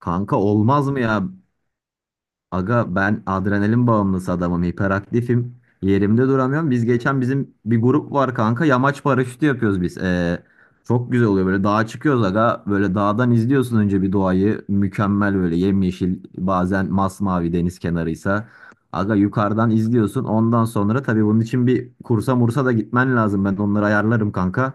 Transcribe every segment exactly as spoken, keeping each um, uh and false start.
Kanka olmaz mı ya? Aga ben adrenalin bağımlısı adamım, hiperaktifim. Yerimde duramıyorum. Biz geçen bizim bir grup var kanka. Yamaç paraşütü yapıyoruz biz. Ee, çok güzel oluyor böyle dağa çıkıyoruz aga. Böyle dağdan izliyorsun önce bir doğayı. Mükemmel böyle yemyeşil bazen masmavi deniz kenarıysa. Aga yukarıdan izliyorsun. Ondan sonra tabii bunun için bir kursa mursa da gitmen lazım. Ben onları ayarlarım kanka.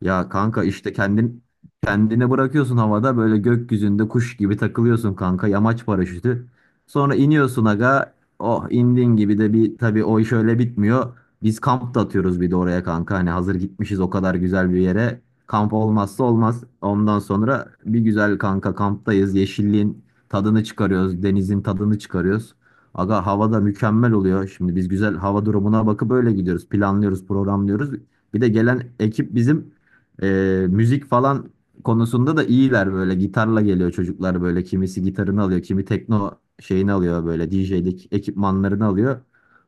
Ya kanka işte kendin kendine bırakıyorsun havada böyle gökyüzünde kuş gibi takılıyorsun kanka. Yamaç paraşütü. Sonra iniyorsun aga. Oh indin gibi de bir tabii o iş öyle bitmiyor. Biz kamp da atıyoruz bir de oraya kanka. Hani hazır gitmişiz o kadar güzel bir yere. Kamp olmazsa olmaz. Ondan sonra bir güzel kanka kamptayız. Yeşilliğin tadını çıkarıyoruz. Denizin tadını çıkarıyoruz. Aga hava da mükemmel oluyor. Şimdi biz güzel hava durumuna bakıp öyle gidiyoruz. Planlıyoruz, programlıyoruz. Bir de gelen ekip bizim eee, müzik falan konusunda da iyiler, böyle gitarla geliyor çocuklar, böyle kimisi gitarını alıyor, kimi tekno şeyini alıyor, böyle D J'lik ekipmanlarını alıyor.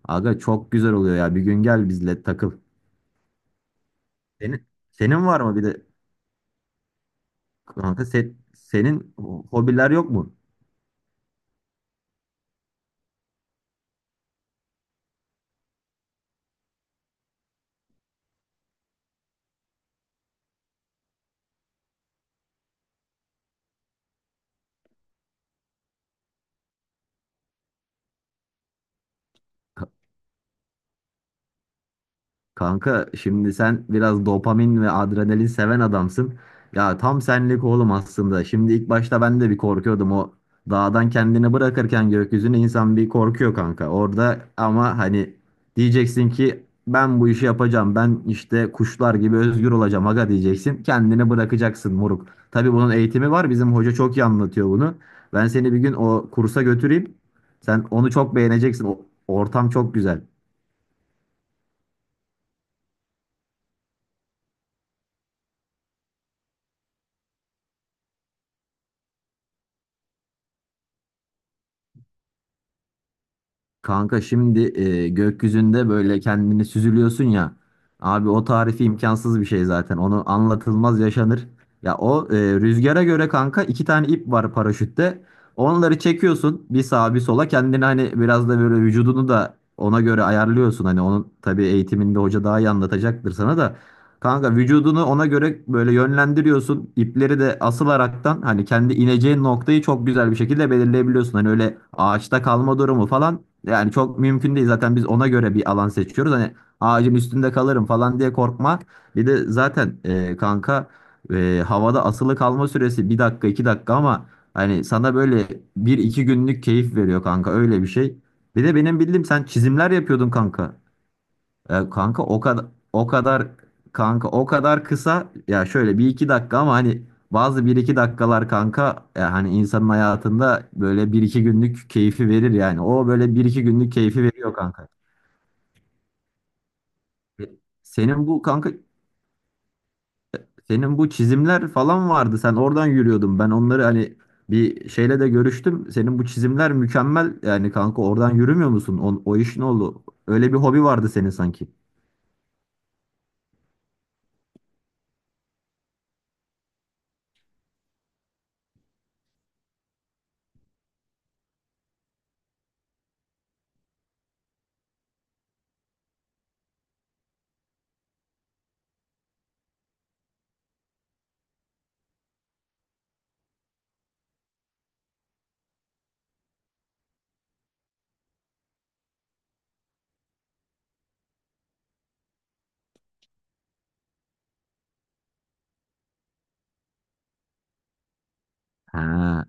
Aga çok güzel oluyor ya, bir gün gel bizle takıl. Senin, senin var mı bir de kanka, se- senin hobiler yok mu? Kanka şimdi sen biraz dopamin ve adrenalin seven adamsın. Ya tam senlik oğlum aslında. Şimdi ilk başta ben de bir korkuyordum, o dağdan kendini bırakırken gökyüzüne insan bir korkuyor kanka. Orada ama hani diyeceksin ki ben bu işi yapacağım. Ben işte kuşlar gibi özgür olacağım aga diyeceksin. Kendini bırakacaksın moruk. Tabii bunun eğitimi var. Bizim hoca çok iyi anlatıyor bunu. Ben seni bir gün o kursa götüreyim. Sen onu çok beğeneceksin. O ortam çok güzel. Kanka şimdi e, gökyüzünde böyle kendini süzülüyorsun ya. Abi o tarifi imkansız bir şey zaten. Onu anlatılmaz yaşanır. Ya o e, rüzgara göre kanka iki tane ip var paraşütte. Onları çekiyorsun bir sağa bir sola. Kendini hani biraz da böyle vücudunu da ona göre ayarlıyorsun. Hani onun tabii eğitiminde hoca daha iyi anlatacaktır sana da. Kanka vücudunu ona göre böyle yönlendiriyorsun. İpleri de asılaraktan hani kendi ineceğin noktayı çok güzel bir şekilde belirleyebiliyorsun. Hani öyle ağaçta kalma durumu falan yani çok mümkün değil. Zaten biz ona göre bir alan seçiyoruz. Hani ağacın üstünde kalırım falan diye korkma. Bir de zaten e, kanka e, havada asılı kalma süresi bir dakika iki dakika, ama hani sana böyle bir iki günlük keyif veriyor kanka, öyle bir şey. Bir de benim bildiğim sen çizimler yapıyordun kanka. Ya kanka o kadar o kadar kanka o kadar kısa ya, şöyle bir iki dakika, ama hani bazı bir iki dakikalar kanka, ya hani insanın hayatında böyle bir iki günlük keyfi verir yani. O böyle bir iki günlük keyfi veriyor kanka. E, Senin bu kanka senin bu çizimler falan vardı. Sen oradan yürüyordun. Ben onları hani bir şeyle de görüştüm. Senin bu çizimler mükemmel yani kanka, oradan yürümüyor musun? O, o iş ne oldu? Öyle bir hobi vardı senin sanki. Ha.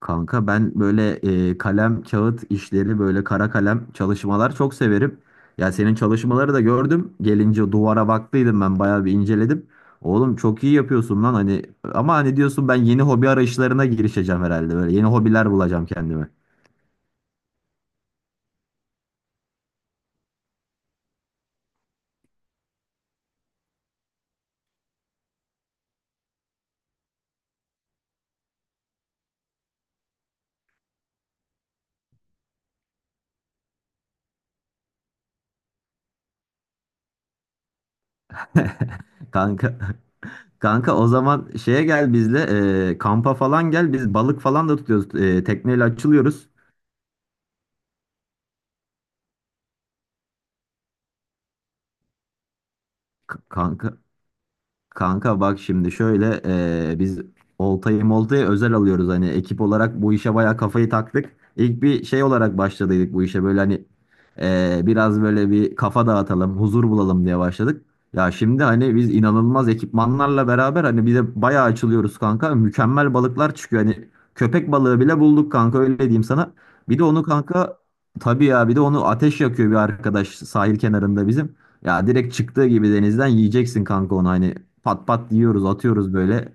Kanka ben böyle e, kalem kağıt işleri, böyle kara kalem çalışmalar çok severim. Ya senin çalışmaları da gördüm. Gelince duvara baktıydım, ben bayağı bir inceledim. Oğlum çok iyi yapıyorsun lan, hani ama hani diyorsun ben yeni hobi arayışlarına girişeceğim herhalde, böyle yeni hobiler bulacağım kendime. Kanka kanka o zaman şeye gel bizle, e, kampa falan gel, biz balık falan da tutuyoruz. E, tekneyle açılıyoruz. K- kanka Kanka bak şimdi şöyle, eee, biz oltayı moltayı özel alıyoruz, hani ekip olarak bu işe bayağı kafayı taktık. İlk bir şey olarak başladıydık bu işe, böyle hani eee, biraz böyle bir kafa dağıtalım, huzur bulalım diye başladık. Ya şimdi hani biz inanılmaz ekipmanlarla beraber hani bir de bayağı açılıyoruz kanka. Mükemmel balıklar çıkıyor, hani köpek balığı bile bulduk kanka, öyle diyeyim sana. Bir de onu kanka, tabii ya, bir de onu ateş yakıyor bir arkadaş sahil kenarında bizim. Ya direkt çıktığı gibi denizden yiyeceksin kanka onu, hani pat pat yiyoruz, atıyoruz böyle.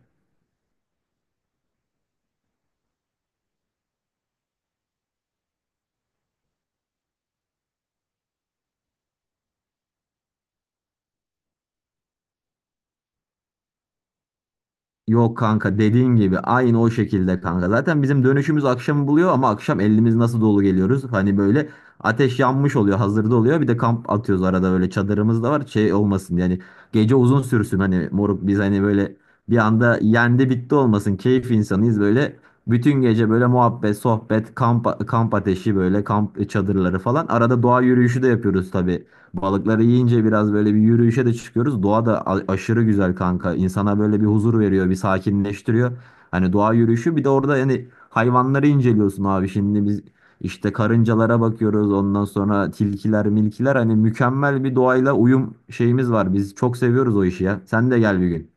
Yok kanka, dediğin gibi aynı o şekilde kanka. Zaten bizim dönüşümüz akşamı buluyor, ama akşam elimiz nasıl dolu geliyoruz. Hani böyle ateş yanmış oluyor, hazırda oluyor. Bir de kamp atıyoruz arada, böyle çadırımız da var, şey olmasın yani, gece uzun sürsün, hani moruk biz hani böyle bir anda yendi bitti olmasın, keyif insanıyız böyle. Bütün gece böyle muhabbet, sohbet, kamp, kamp ateşi, böyle kamp çadırları falan. Arada doğa yürüyüşü de yapıyoruz tabii. Balıkları yiyince biraz böyle bir yürüyüşe de çıkıyoruz. Doğa da a- aşırı güzel kanka. İnsana böyle bir huzur veriyor, bir sakinleştiriyor. Hani doğa yürüyüşü bir de orada yani hayvanları inceliyorsun abi. Şimdi biz işte karıncalara bakıyoruz. Ondan sonra tilkiler, milkiler, hani mükemmel bir doğayla uyum şeyimiz var. Biz çok seviyoruz o işi ya. Sen de gel bir gün.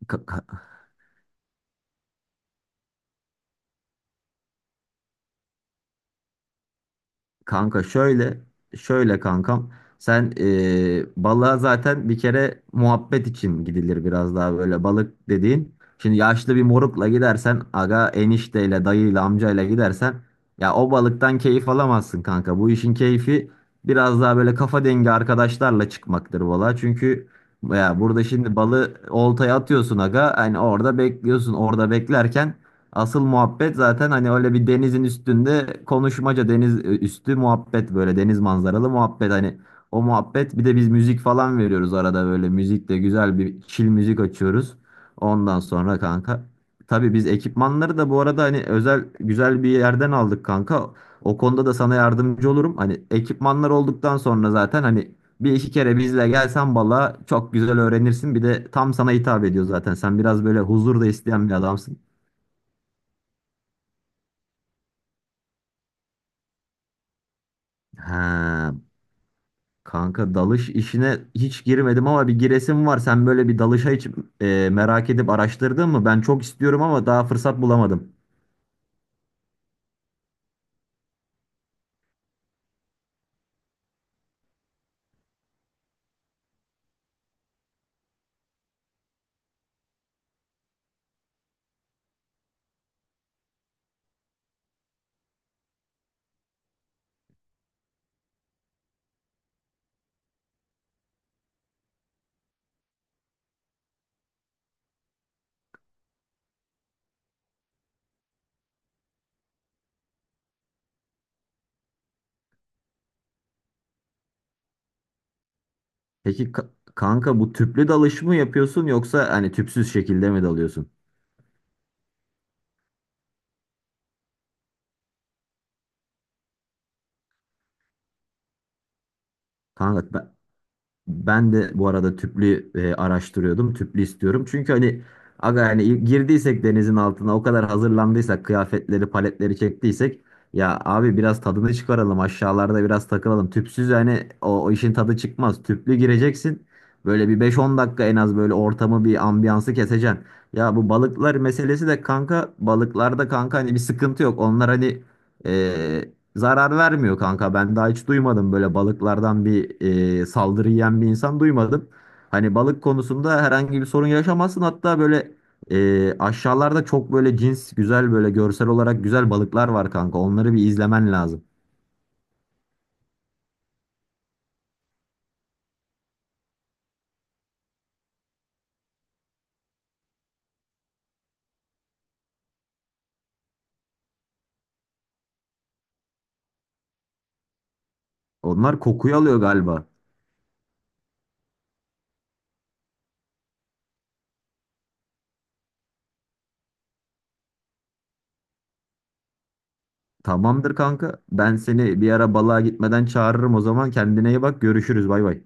Kanka şöyle şöyle kankam, sen eee balığa zaten bir kere muhabbet için gidilir, biraz daha böyle balık dediğin. Şimdi yaşlı bir morukla gidersen aga, enişteyle dayıyla amcayla gidersen ya, o balıktan keyif alamazsın kanka. Bu işin keyfi biraz daha böyle kafa dengi arkadaşlarla çıkmaktır balığa. Çünkü ya burada şimdi balığı oltaya atıyorsun aga, hani orada bekliyorsun, orada beklerken asıl muhabbet zaten hani öyle bir denizin üstünde konuşmaca, deniz e, üstü muhabbet, böyle deniz manzaralı muhabbet, hani o muhabbet, bir de biz müzik falan veriyoruz arada, böyle müzikle güzel bir chill müzik açıyoruz. Ondan sonra kanka, tabii biz ekipmanları da bu arada hani özel güzel bir yerden aldık kanka. O konuda da sana yardımcı olurum. Hani ekipmanlar olduktan sonra zaten hani bir iki kere bizle gelsen balığa çok güzel öğrenirsin. Bir de tam sana hitap ediyor zaten. Sen biraz böyle huzur da isteyen bir adamsın. Ha, kanka dalış işine hiç girmedim ama bir giresim var. Sen böyle bir dalışa hiç e, merak edip araştırdın mı? Ben çok istiyorum ama daha fırsat bulamadım. Peki ka- kanka, bu tüplü dalış mı yapıyorsun yoksa hani tüpsüz şekilde mi dalıyorsun? Kanka ben, Ben de bu arada tüplü e, araştırıyordum. Tüplü istiyorum. Çünkü hani aga yani girdiysek denizin altına, o kadar hazırlandıysak, kıyafetleri paletleri çektiysek, ya abi biraz tadını çıkaralım aşağılarda, biraz takılalım. Tüpsüz yani o, o işin tadı çıkmaz. Tüplü gireceksin. Böyle bir beş on dakika en az böyle ortamı, bir ambiyansı keseceksin. Ya bu balıklar meselesi de kanka, balıklarda kanka hani bir sıkıntı yok. Onlar hani e, zarar vermiyor kanka. Ben daha hiç duymadım böyle balıklardan bir e, saldırı yiyen bir insan duymadım. Hani balık konusunda herhangi bir sorun yaşamazsın. Hatta böyle e, aşağılarda çok böyle cins güzel, böyle görsel olarak güzel balıklar var kanka. Onları bir izlemen lazım. Onlar kokuyu alıyor galiba. Tamamdır kanka. Ben seni bir ara balığa gitmeden çağırırım o zaman. Kendine iyi bak. Görüşürüz. Bay bay.